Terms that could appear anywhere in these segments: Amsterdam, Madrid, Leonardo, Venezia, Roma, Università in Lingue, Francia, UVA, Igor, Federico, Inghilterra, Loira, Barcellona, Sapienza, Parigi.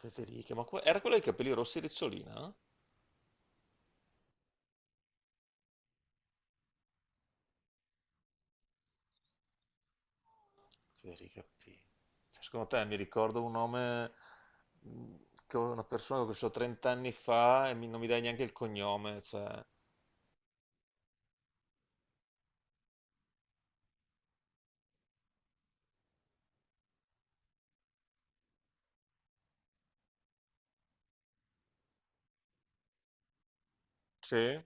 Federica, ma era quella dei capelli rossi ricciolina? Federica P. Cioè, secondo te mi ricordo un nome mh, che una persona che ho conosciuto 30 anni fa e non mi dai neanche il cognome, cioè... Sì?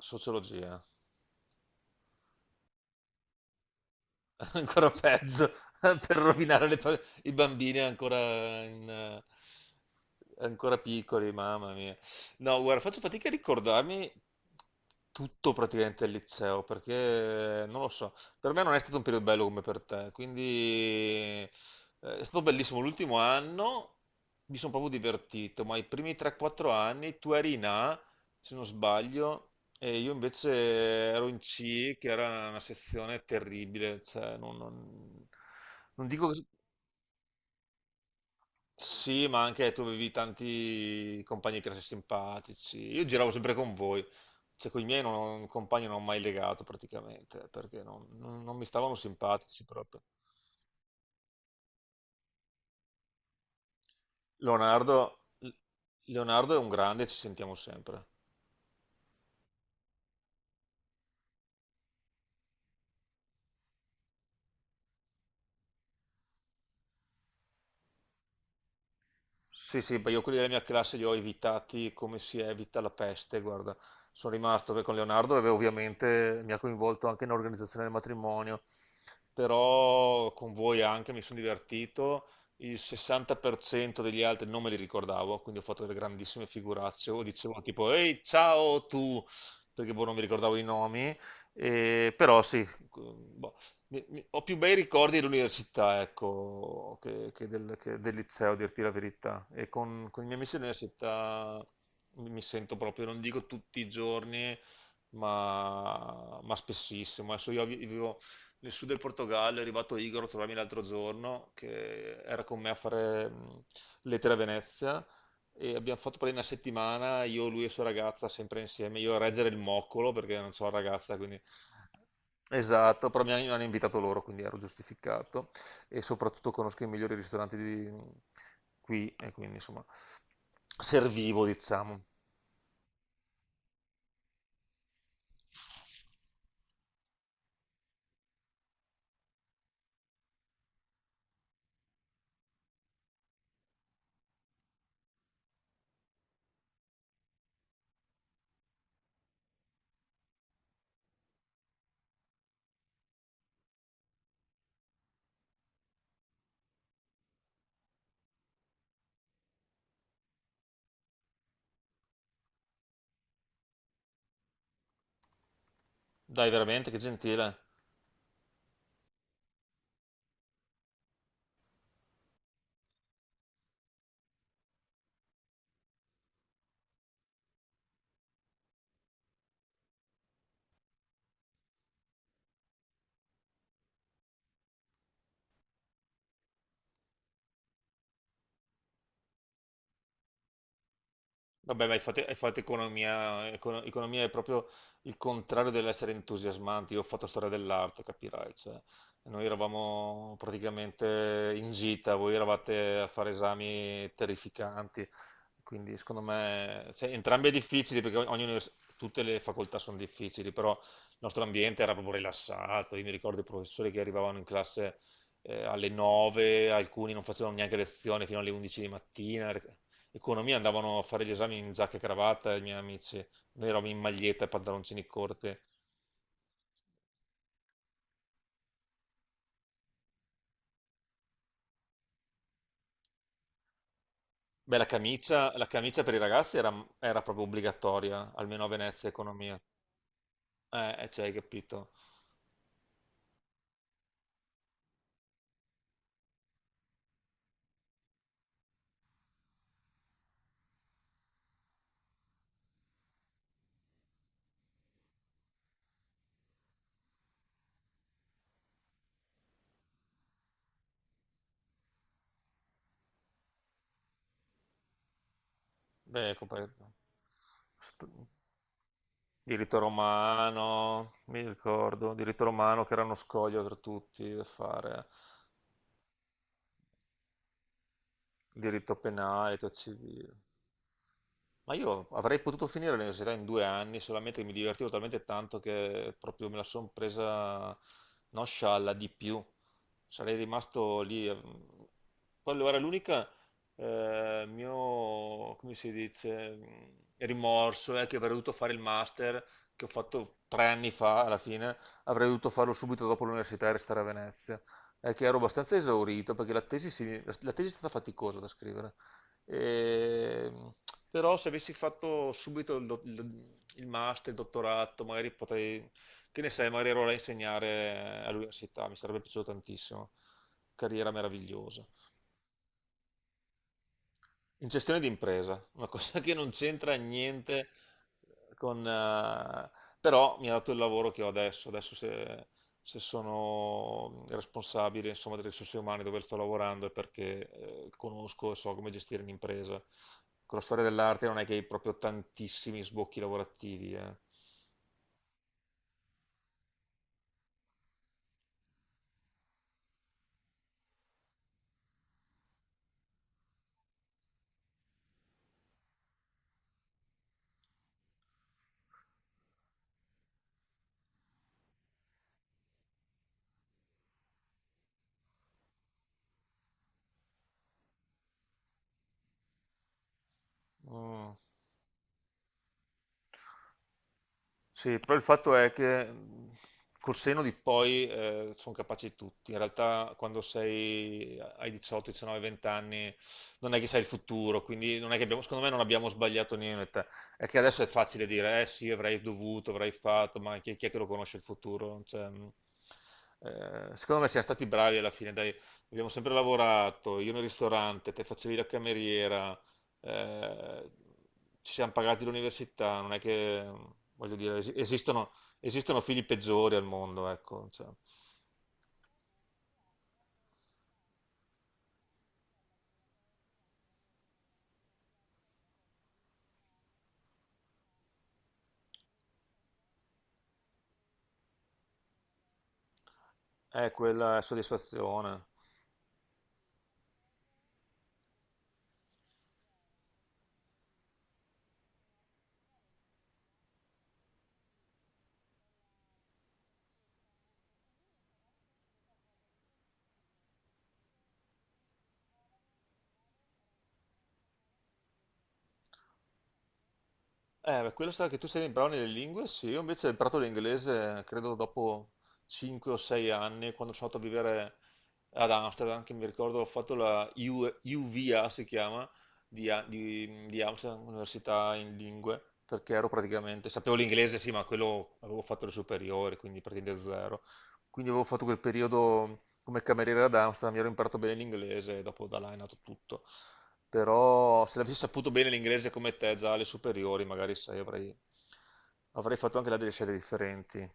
Sociologia. Ancora peggio, per rovinare le i bambini ancora, ancora piccoli, mamma mia. No, guarda, faccio fatica a ricordarmi tutto praticamente il liceo, perché non lo so, per me non è stato un periodo bello come per te, quindi è stato bellissimo l'ultimo anno, mi sono proprio divertito, ma i primi 3-4 anni tu eri in A, se non sbaglio, e io invece ero in C, che era una sezione terribile, cioè non dico che... Sì, ma anche tu avevi tanti compagni di classe simpatici. Io giravo sempre con voi, cioè con i miei non, compagni non ho mai legato praticamente, perché non mi stavano simpatici proprio. Leonardo, Leonardo è un grande, ci sentiamo sempre. Sì, sì, beh, io quelli della mia classe li ho evitati come si evita la peste, guarda. Sono rimasto beh, con Leonardo, dove ovviamente mi ha coinvolto anche nell'organizzazione del matrimonio, però con voi anche mi sono divertito, il 60% degli altri non me li ricordavo, quindi ho fatto delle grandissime figuracce, o dicevo tipo, ehi, ciao tu, perché boh, non mi ricordavo i nomi, però sì, boh, ho più bei ricordi dell'università, ecco, che del liceo, a dirti la verità. E con i miei amici dell'università mi sento proprio, non dico tutti i giorni, ma spessissimo. Adesso io vivo nel sud del Portogallo, è arrivato Igor a trovarmi l'altro giorno, che era con me a fare lettere a Venezia, e abbiamo fatto per una settimana, io, lui e sua ragazza, sempre insieme, io a reggere il moccolo, perché non c'ho ragazza, quindi... Esatto, però mi hanno invitato loro, quindi ero giustificato e soprattutto conosco i migliori ristoranti di qui e quindi insomma servivo, diciamo. Dai, veramente, che gentile. Vabbè, ma hai fatto economia, economia è proprio il contrario dell'essere entusiasmanti. Io ho fatto storia dell'arte, capirai. Cioè, noi eravamo praticamente in gita, voi eravate a fare esami terrificanti. Quindi, secondo me, cioè, entrambi è difficili perché tutte le facoltà sono difficili, però il nostro ambiente era proprio rilassato. Io mi ricordo i professori che arrivavano in classe alle 9, alcuni non facevano neanche lezione fino alle 11 di mattina. Economia andavano a fare gli esami in giacca e cravatta, i miei amici. Noi eravamo in maglietta e pantaloncini corti. Beh, la camicia per i ragazzi era proprio obbligatoria, almeno a Venezia, economia. Cioè, hai capito? Beh, st- diritto romano, mi ricordo, diritto romano che era uno scoglio per tutti da fare, diritto penale, diritto civile. Ma io avrei potuto finire l'università in 2 anni, solamente che mi divertivo talmente tanto che proprio me la sono presa non scialla di più. Sarei rimasto lì. Quello era l'unica mio, come si dice, rimorso è che avrei dovuto fare il master che ho fatto 3 anni fa, alla fine, avrei dovuto farlo subito dopo l'università e restare a Venezia. È che ero abbastanza esaurito perché la tesi è stata faticosa da scrivere. Ehm, però se avessi fatto subito il master, il dottorato, magari potrei, che ne sai, magari ero là a insegnare all'università, mi sarebbe piaciuto tantissimo. Carriera meravigliosa in gestione di impresa, una cosa che non c'entra niente con... però mi ha dato il lavoro che ho adesso, adesso se sono responsabile insomma, delle risorse umane dove sto lavorando è perché conosco e so come gestire un'impresa. Con la storia dell'arte non è che hai proprio tantissimi sbocchi lavorativi, eh. Mm. Sì, però il fatto è che col senno di poi sono capaci tutti. In realtà quando sei ai 18, 19, 20 anni non è che sai il futuro, quindi non è che abbiamo, secondo me non abbiamo sbagliato niente. È che adesso è facile dire, eh sì, avrei dovuto, avrei fatto, ma chi è che lo conosce il futuro? Cioè, secondo me siamo stati bravi alla fine, dai, abbiamo sempre lavorato, io nel ristorante, te facevi la cameriera. Eh, ci siamo pagati l'università, non è che, voglio dire, esistono figli peggiori al mondo, ecco, cioè, è quella soddisfazione. Ma quello sarà che tu sei bravo nelle lingue, sì, io invece ho imparato l'inglese credo dopo 5 o 6 anni, quando sono andato a vivere ad Amsterdam, che mi ricordo ho fatto la UVA, si chiama, di Amsterdam, Università in Lingue, perché ero praticamente, sapevo l'inglese sì, ma quello avevo fatto le superiori, quindi praticamente zero. Quindi avevo fatto quel periodo come cameriere ad Amsterdam, mi ero imparato bene l'inglese e dopo da là è nato tutto, però se l'avessi saputo bene l'inglese come te già alle superiori, magari sai, avrei fatto anche là delle scelte differenti.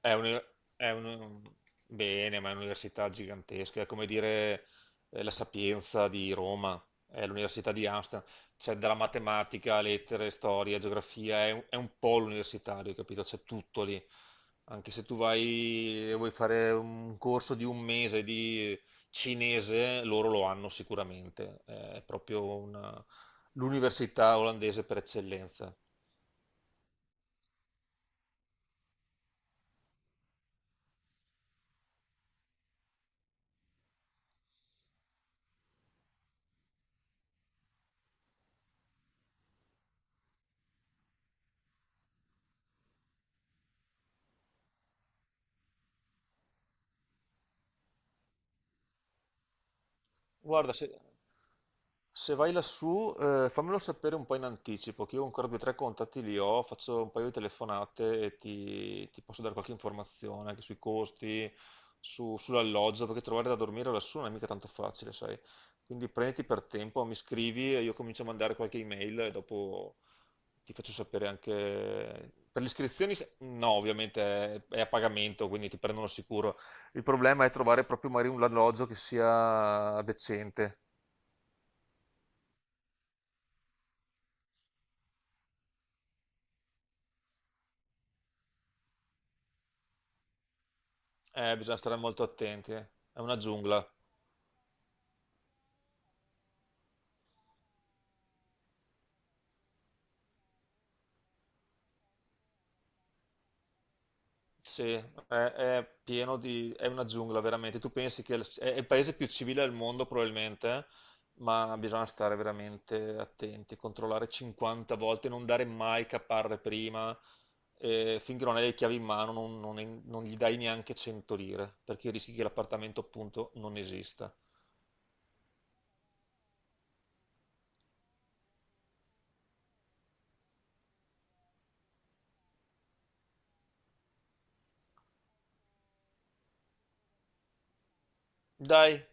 È un, è un- Bene, ma è un'università gigantesca, è come dire la Sapienza di Roma, è l'università di Amsterdam, c'è dalla matematica, lettere, storia, geografia, è un polo universitario, capito? C'è tutto lì. Anche se tu vai e vuoi fare un corso di un mese di cinese, loro lo hanno sicuramente, è proprio una- l'università olandese per eccellenza. Guarda, se vai lassù, fammelo sapere un po' in anticipo, che io ancora due o tre contatti li ho, faccio un paio di telefonate e ti posso dare qualche informazione anche sui costi, sull'alloggio, perché trovare da dormire lassù non è mica tanto facile, sai? Quindi prenditi per tempo, mi scrivi e io comincio a mandare qualche email e dopo ti faccio sapere anche... Per le iscrizioni, no, ovviamente è a pagamento, quindi ti prendono sicuro. Il problema è trovare proprio magari un alloggio che sia decente. Bisogna stare molto attenti, eh. È una giungla. Sì, è pieno di... è una giungla, veramente. Tu pensi che è è il paese più civile al mondo, probabilmente, eh? Ma bisogna stare veramente attenti, controllare 50 volte, non dare mai caparre prima. E finché non hai le chiavi in mano non gli dai neanche 100 lire, perché rischi che l'appartamento appunto non esista. Dai,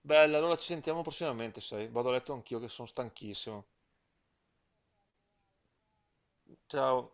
bella, allora ci sentiamo prossimamente, sai. Vado a letto anch'io che sono stanchissimo. Ciao.